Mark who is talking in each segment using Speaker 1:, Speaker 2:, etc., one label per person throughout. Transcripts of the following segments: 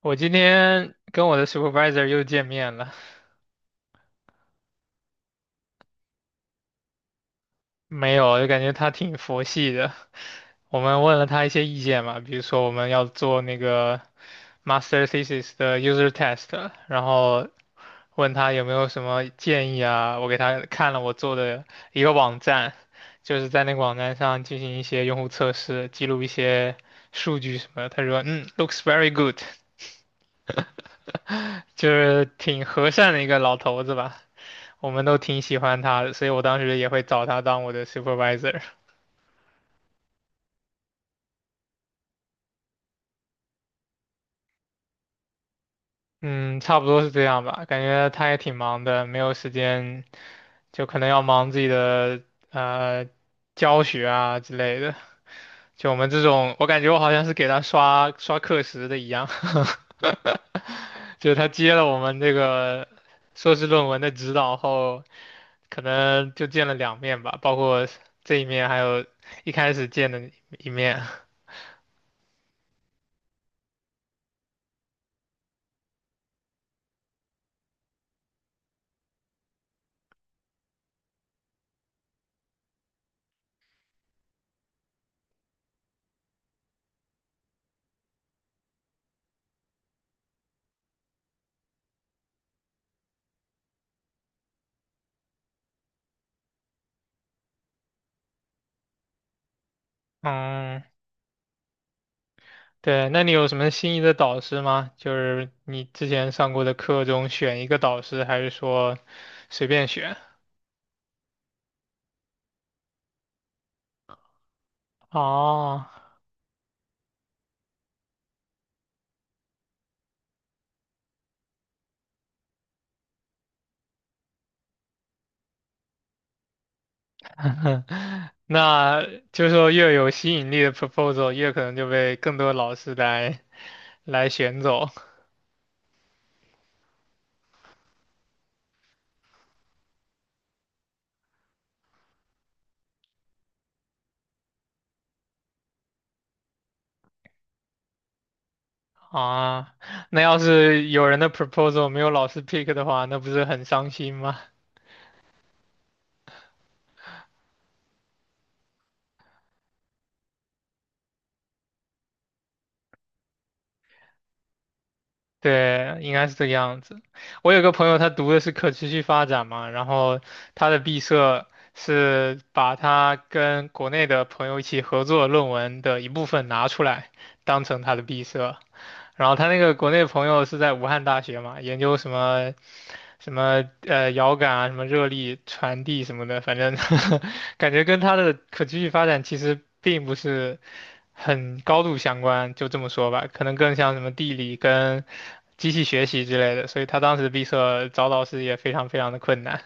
Speaker 1: 我今天跟我的 supervisor 又见面了，没有，就感觉他挺佛系的。我们问了他一些意见嘛，比如说我们要做那个 master thesis 的 user test，然后问他有没有什么建议啊。我给他看了我做的一个网站，就是在那个网站上进行一些用户测试，记录一些数据什么的。他说，嗯，looks very good，就是挺和善的一个老头子吧。我们都挺喜欢他的，所以我当时也会找他当我的 supervisor。嗯，差不多是这样吧，感觉他也挺忙的，没有时间，就可能要忙自己的呃教学啊之类的。就我们这种，我感觉我好像是给他刷刷课时的一样，就是他接了我们这个硕士论文的指导后，可能就见了2面吧，包括这一面，还有一开始见的一面。嗯。对，那你有什么心仪的导师吗？就是你之前上过的课中选一个导师，还是说随便选？哦，那就是说越有吸引力的 proposal，越可能就被更多老师来选走啊。那要是有人的 proposal 没有老师 pick 的话，那不是很伤心吗？对，应该是这个样子。我有个朋友，他读的是可持续发展嘛，然后他的毕设是把他跟国内的朋友一起合作论文的一部分拿出来，当成他的毕设。然后他那个国内朋友是在武汉大学嘛，研究什么什么遥感啊，什么热力传递什么的，反正 感觉跟他的可持续发展其实并不是很高度相关，就这么说吧，可能更像什么地理跟。机器学习之类的，所以他当时毕设找老师也非常非常的困难。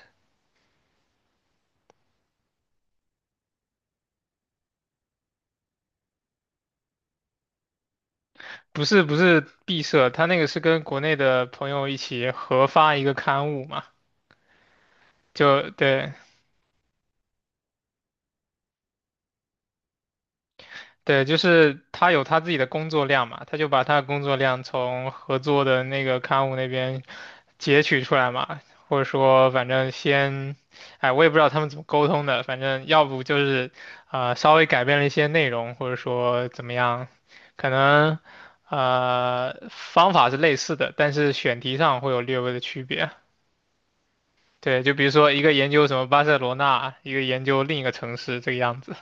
Speaker 1: 不是不是毕设，他那个是跟国内的朋友一起合发一个刊物嘛，就对对，就是他有他自己的工作量嘛，他就把他的工作量从合作的那个刊物那边截取出来嘛，或者说反正先，哎，我也不知道他们怎么沟通的，反正要不就是稍微改变了一些内容，或者说怎么样，可能方法是类似的，但是选题上会有略微的区别。对，就比如说一个研究什么巴塞罗那，一个研究另一个城市这个样子。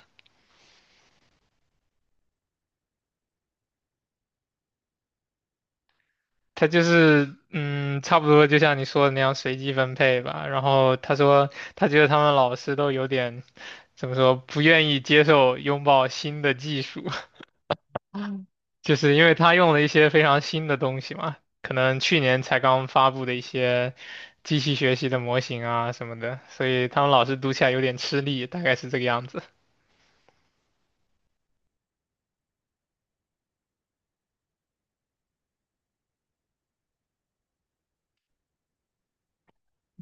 Speaker 1: 他就是差不多就像你说的那样随机分配吧。然后他说，他觉得他们老师都有点怎么说，不愿意接受拥抱新的技术，就是因为他用了一些非常新的东西嘛，可能去年才刚发布的一些机器学习的模型啊什么的，所以他们老师读起来有点吃力，大概是这个样子。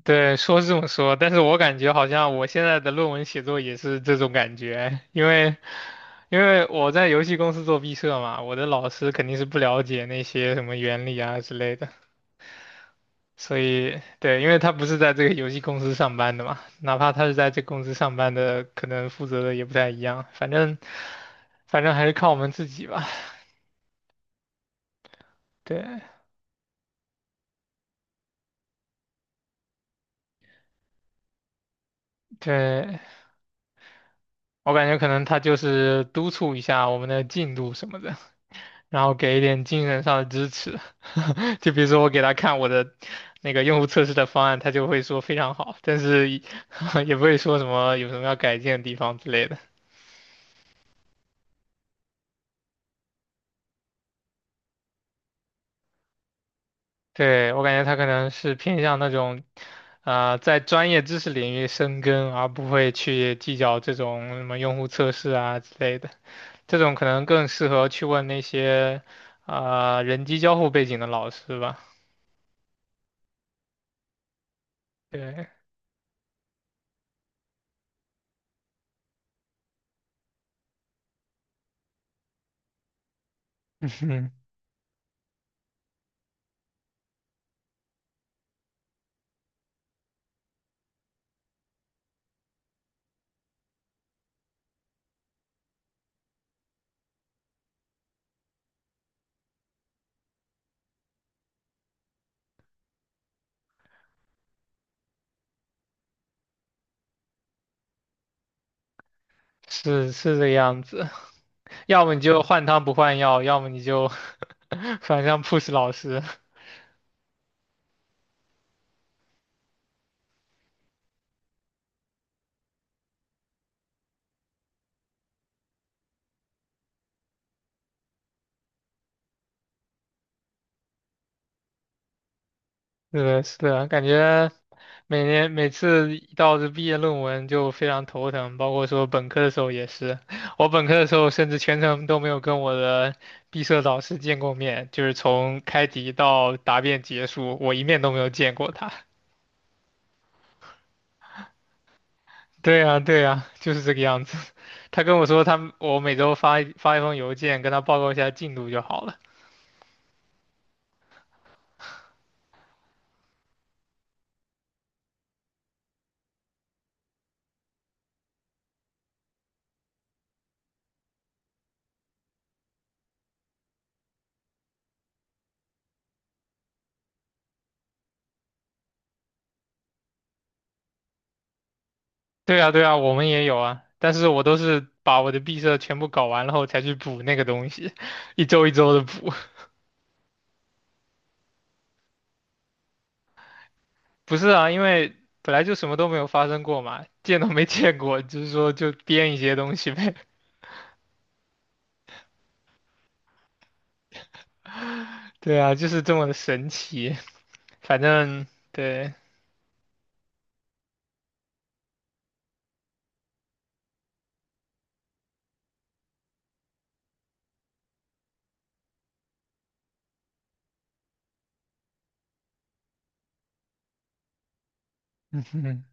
Speaker 1: 对，说是这么说，但是我感觉好像我现在的论文写作也是这种感觉，因为我在游戏公司做毕设嘛，我的老师肯定是不了解那些什么原理啊之类的，所以对，因为他不是在这个游戏公司上班的嘛，哪怕他是在这公司上班的，可能负责的也不太一样，反正还是靠我们自己吧。对对，我感觉可能他就是督促一下我们的进度什么的。然后给一点精神上的支持。就比如说我给他看我的那个用户测试的方案，他就会说非常好，但是也 也不会说什么有什么要改进的地方之类的。对，我感觉他可能是偏向那种，在专业知识领域深耕，而不会去计较这种什么用户测试啊之类的。这种可能更适合去问那些，人机交互背景的老师吧。对，是是这个样子。要么你就换汤不换药，要么你就 反向 push 老师。对的，是的，感觉每年每次一到这毕业论文就非常头疼，包括说本科的时候也是。我本科的时候甚至全程都没有跟我的毕设导师见过面，就是从开题到答辩结束，我一面都没有见过他。对呀，对呀，就是这个样子。他跟我说他，我每周发一封邮件跟他报告一下进度就好了。对啊，对啊，我们也有啊，但是我都是把我的毕设全部搞完了后才去补那个东西，一周一周的补。不是啊，因为本来就什么都没有发生过嘛，见都没见过，就是说就编一些东西呗。对啊，就是这么的神奇。反正对，嗯哼，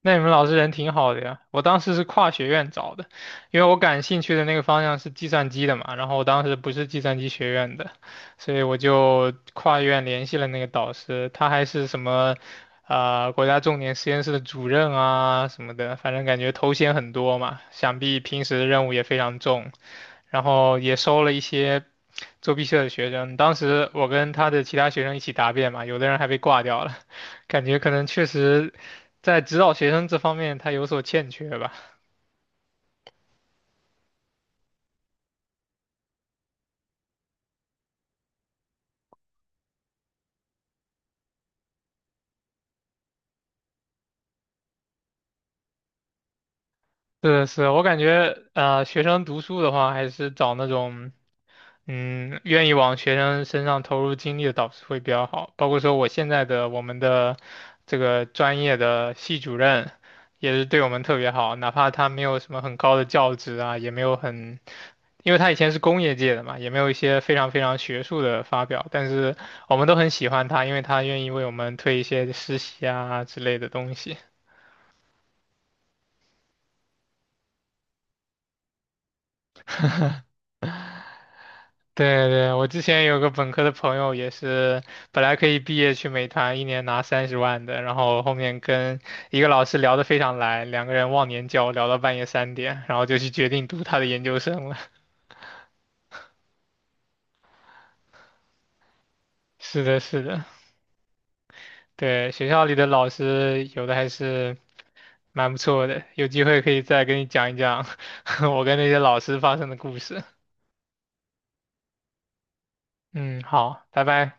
Speaker 1: 那你们老师人挺好的呀，我当时是跨学院找的，因为我感兴趣的那个方向是计算机的嘛，然后我当时不是计算机学院的，所以我就跨院联系了那个导师，他还是什么，国家重点实验室的主任啊什么的，反正感觉头衔很多嘛，想必平时的任务也非常重，然后也收了一些作弊社的学生，当时我跟他的其他学生一起答辩嘛，有的人还被挂掉了，感觉可能确实。在指导学生这方面他有所欠缺吧。是的是的我感觉学生读书的话，还是找那种愿意往学生身上投入精力的导师会比较好。包括说我们的这个专业的系主任。也是对我们特别好，哪怕他没有什么很高的教职啊，也没有很因为他以前是工业界的嘛，也没有一些非常非常学术的发表，但是我们都很喜欢他，因为他愿意为我们推一些实习啊之类的东西。对对，我之前有个本科的朋友也是，本来可以毕业去美团，一年拿30万的，然后后面跟一个老师聊得非常来，2个人忘年交聊到半夜3点，然后就去决定读他的研究生了。是的，是的，对，学校里的老师有的还是蛮不错的，有机会可以再跟你讲一讲 我跟那些老师发生的故事。嗯，好，拜拜。